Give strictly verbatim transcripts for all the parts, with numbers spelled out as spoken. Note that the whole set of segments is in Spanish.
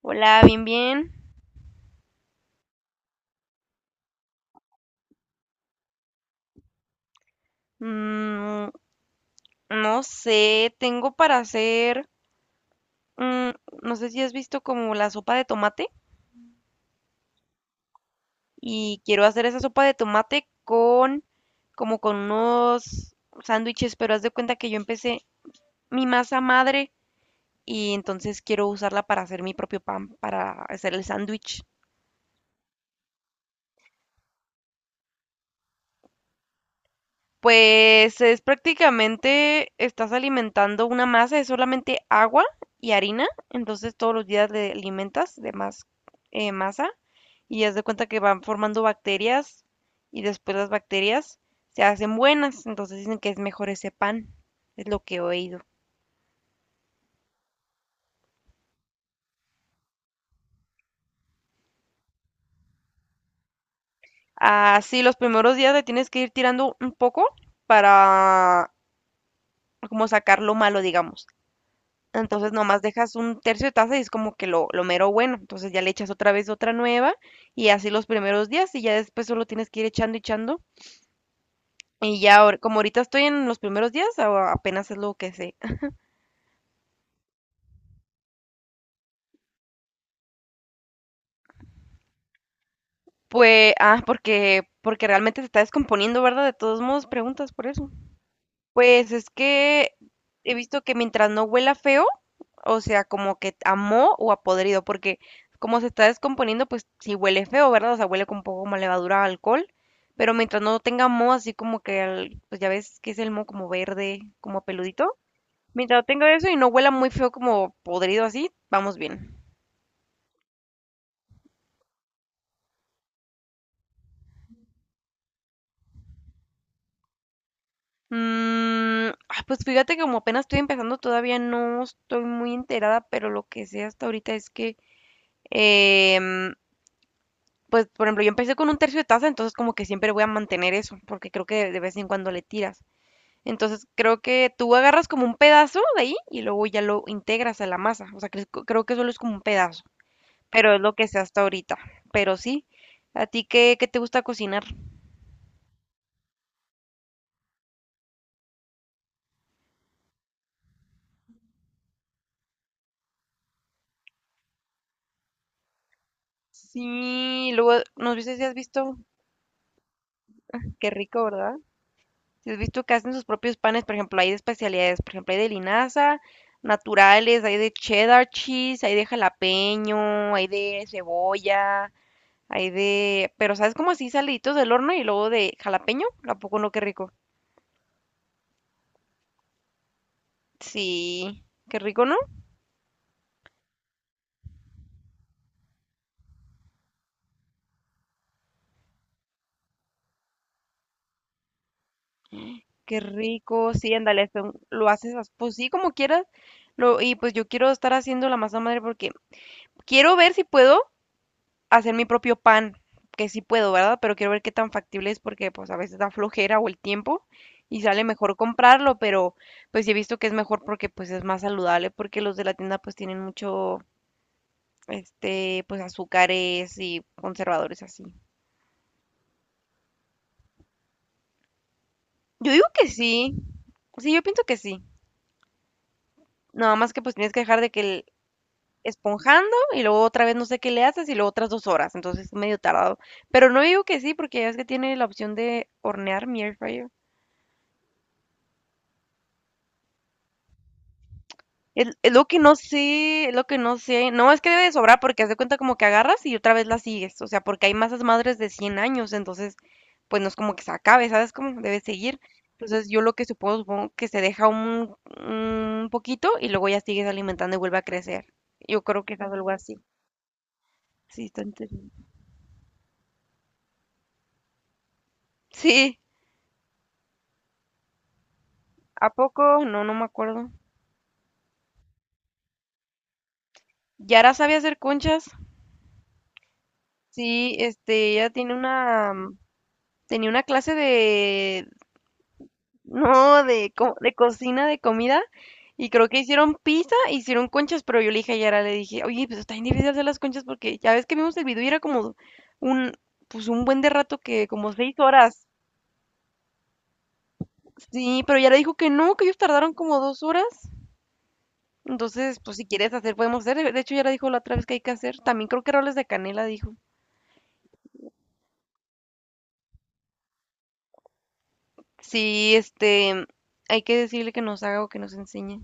Hola, bien, bien. Mm, no sé, tengo para hacer, mm, no sé si has visto como la sopa de tomate y quiero hacer esa sopa de tomate con, como con unos sándwiches, pero haz de cuenta que yo empecé mi masa madre y entonces quiero usarla para hacer mi propio pan, para hacer el sándwich. Pues es prácticamente, estás alimentando una masa, es solamente agua y harina, entonces todos los días le alimentas de más eh, masa y haz de cuenta que van formando bacterias y después las bacterias se hacen buenas, entonces dicen que es mejor ese pan, es lo que he oído. Así, los primeros días le tienes que ir tirando un poco para como sacar lo malo, digamos. Entonces nomás dejas un tercio de taza y es como que lo, lo mero bueno. Entonces ya le echas otra vez otra nueva y así los primeros días y ya después solo tienes que ir echando y echando. Y ya, ahor- como ahorita estoy en los primeros días, a- apenas es lo que sé. Pues, ah, porque, porque realmente se está descomponiendo, ¿verdad? De todos modos, preguntas por eso. Pues es que he visto que mientras no huela feo, o sea, como que a moho o a podrido, porque como se está descomponiendo, pues sí huele feo, ¿verdad? O sea, huele con un poco como a levadura a alcohol, pero mientras no tenga moho, así como que, al- pues ya ves que es el moho como verde, como peludito. Mientras no tenga eso y no huela muy feo como podrido así, vamos bien. Mm, ah, pues fíjate que como apenas estoy empezando, todavía no estoy muy enterada, pero lo que sé hasta ahorita es que... em, pues, por ejemplo, yo empecé con un tercio de taza, entonces como que siempre voy a mantener eso, porque creo que de vez en cuando le tiras. Entonces creo que tú agarras como un pedazo de ahí y luego ya lo integras a la masa. O sea, cre- creo que solo es como un pedazo, pero es lo que sé hasta ahorita. Pero sí, ¿a ti qué, qué te gusta cocinar? Sí, luego, no sé si has visto, qué rico, ¿verdad? Si has visto que hacen sus propios panes, por ejemplo, hay de especialidades, por ejemplo, hay de linaza, naturales, hay de cheddar cheese, hay de jalapeño, hay de cebolla, hay de, pero sabes como así saliditos del horno y luego de jalapeño, ¿a poco no? Qué rico. Sí, qué rico, ¿no? Qué rico, sí, ándale, son- lo haces, as- pues sí, como quieras. Lo, y pues yo quiero estar haciendo la masa madre porque quiero ver si puedo hacer mi propio pan, que sí puedo, ¿verdad? Pero quiero ver qué tan factible es porque pues a veces da flojera o el tiempo y sale mejor comprarlo, pero pues sí he visto que es mejor porque pues es más saludable porque los de la tienda pues tienen mucho este, pues azúcares y conservadores así. Yo digo que sí. Sí, yo pienso que sí. Nada más que pues tienes que dejar de que el esponjando y luego otra vez no sé qué le haces y luego otras dos horas. Entonces es medio tardado. Pero no digo que sí porque ya es que tiene la opción de hornear mi air fryer. Es, es lo que no sé, es lo que no sé. No, es que debe de sobrar porque haz de cuenta como que agarras y otra vez la sigues. O sea, porque hay masas madres de cien años, entonces, pues no es como que se acabe, ¿sabes? Como debe seguir. Entonces, yo lo que supongo, supongo que se deja un, un poquito y luego ya sigues alimentando y vuelve a crecer. Yo creo que es algo así. Sí, está interesante. Sí, ¿a poco? No, no me acuerdo. ¿Yara sabe hacer conchas? Sí, este, ella tiene una, tenía una clase de, no, de, co- de cocina, de comida. Y creo que hicieron pizza, hicieron conchas, pero yo le dije a Yara, le dije, oye, pues está bien difícil hacer las conchas porque ya ves que vimos el video y era como un, pues un buen de rato que como seis horas. Sí, pero Yara dijo que no, que ellos tardaron como dos horas. Entonces, pues si quieres hacer, podemos hacer. De de hecho, Yara dijo la otra vez que hay que hacer. También creo que roles de canela, dijo. Sí, este, hay que decirle que nos haga o que nos enseñe.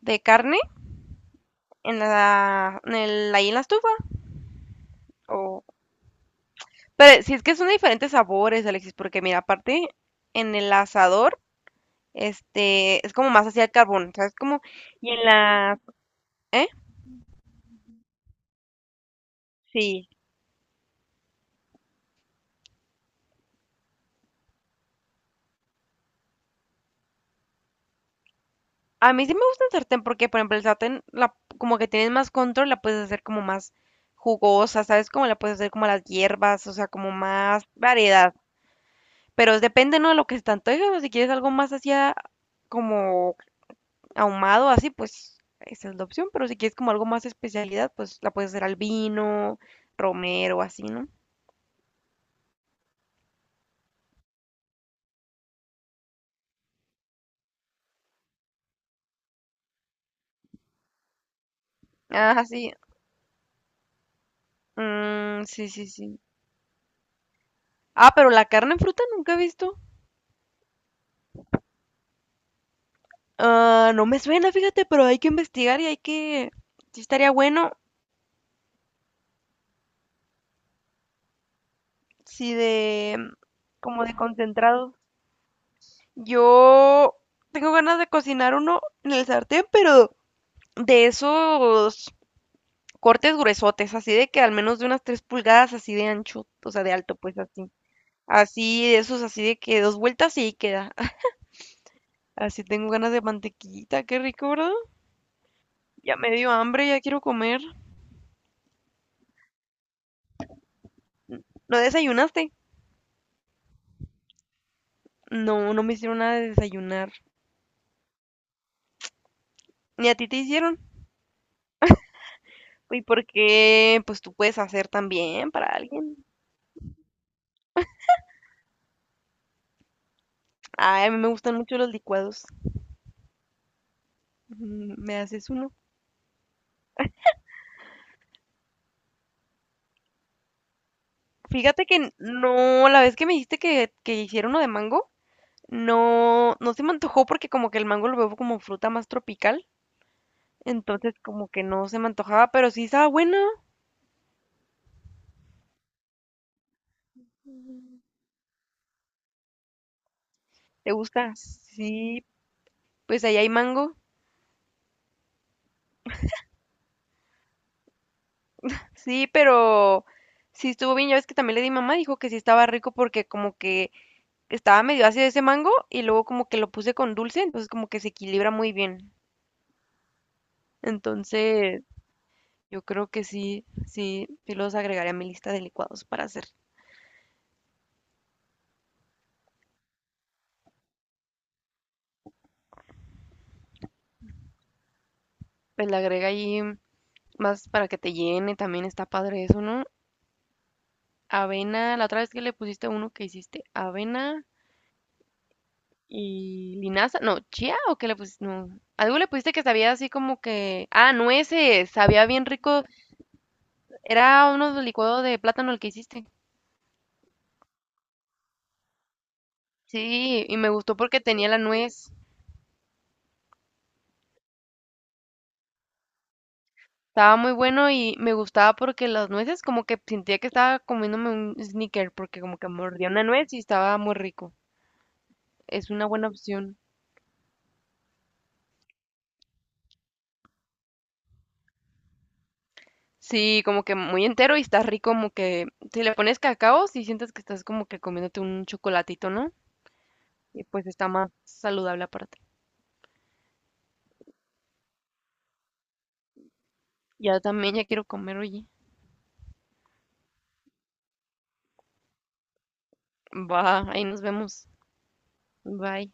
¿De carne? ¿En la, en el- ahí en la estufa? ¿O pero si es que son de diferentes sabores, Alexis, porque mira, aparte en el asador, este, es como más hacia el carbón, ¿sabes? Como, y en la, ¿eh? Sí. A mí sí me gusta el sartén porque, por ejemplo, el sartén, la, como que tienes más control, la puedes hacer como más jugosa, ¿sabes? Como la puedes hacer como las hierbas, o sea, como más variedad. Pero depende, ¿no? De lo que se te antoje, o si quieres algo más hacia como ahumado así, pues esa es la opción, pero si quieres como algo más especialidad, pues la puedes hacer al vino, romero, así, ¿no? Ah, sí. Mm, sí, sí, sí. Ah, pero la carne en fruta nunca he visto. Ah, no me suena, fíjate, pero hay que investigar y hay que... Sí estaría bueno, sí de... mm, como de concentrado. Yo tengo ganas de cocinar uno en el sartén, pero de esos cortes gruesotes, así de que al menos de unas tres pulgadas, así de ancho, o sea, de alto, pues así. Así de esos, así de que dos vueltas y ahí queda. Así tengo ganas de mantequita, qué rico, ¿verdad? Ya me dio hambre, ya quiero comer. ¿No desayunaste? No, no me hicieron nada de desayunar. Ni a ti te hicieron. ¿Y por qué? Pues tú puedes hacer también para alguien. Ay, a mí me gustan mucho los licuados. Mm, ¿me haces uno? Fíjate que no, la vez que me dijiste que, que hicieron uno de mango, no, no se me antojó porque como que el mango lo veo como fruta más tropical, entonces como que no se me antojaba, pero sí estaba buena. ¿Te gusta? Sí, pues ahí hay mango. Sí, pero sí estuvo bien. Ya ves que también le di a mamá, dijo que sí estaba rico porque como que estaba medio ácido ese mango y luego como que lo puse con dulce, entonces como que se equilibra muy bien. Entonces, yo creo que sí, sí, sí los agregaré a mi lista de licuados para hacer. Pues le agrega ahí más para que te llene, también está padre eso, ¿no? Avena, la otra vez que le pusiste uno que hiciste, avena y linaza, no, chía o qué le pusiste, no, algo le pusiste que sabía así como que, ah, nueces, sabía bien rico, era uno de licuado de plátano el que hiciste. Sí, y me gustó porque tenía la nuez, estaba muy bueno y me gustaba porque las nueces como que sentía que estaba comiéndome un sneaker porque como que mordía una nuez y estaba muy rico. Es una buena opción. Sí, como que muy entero y está rico, como que si le pones cacao, si sientes que estás como que comiéndote un chocolatito, ¿no? Y pues está más saludable aparte. Ya también ya quiero comer, oye. Va, ahí nos vemos. Bye.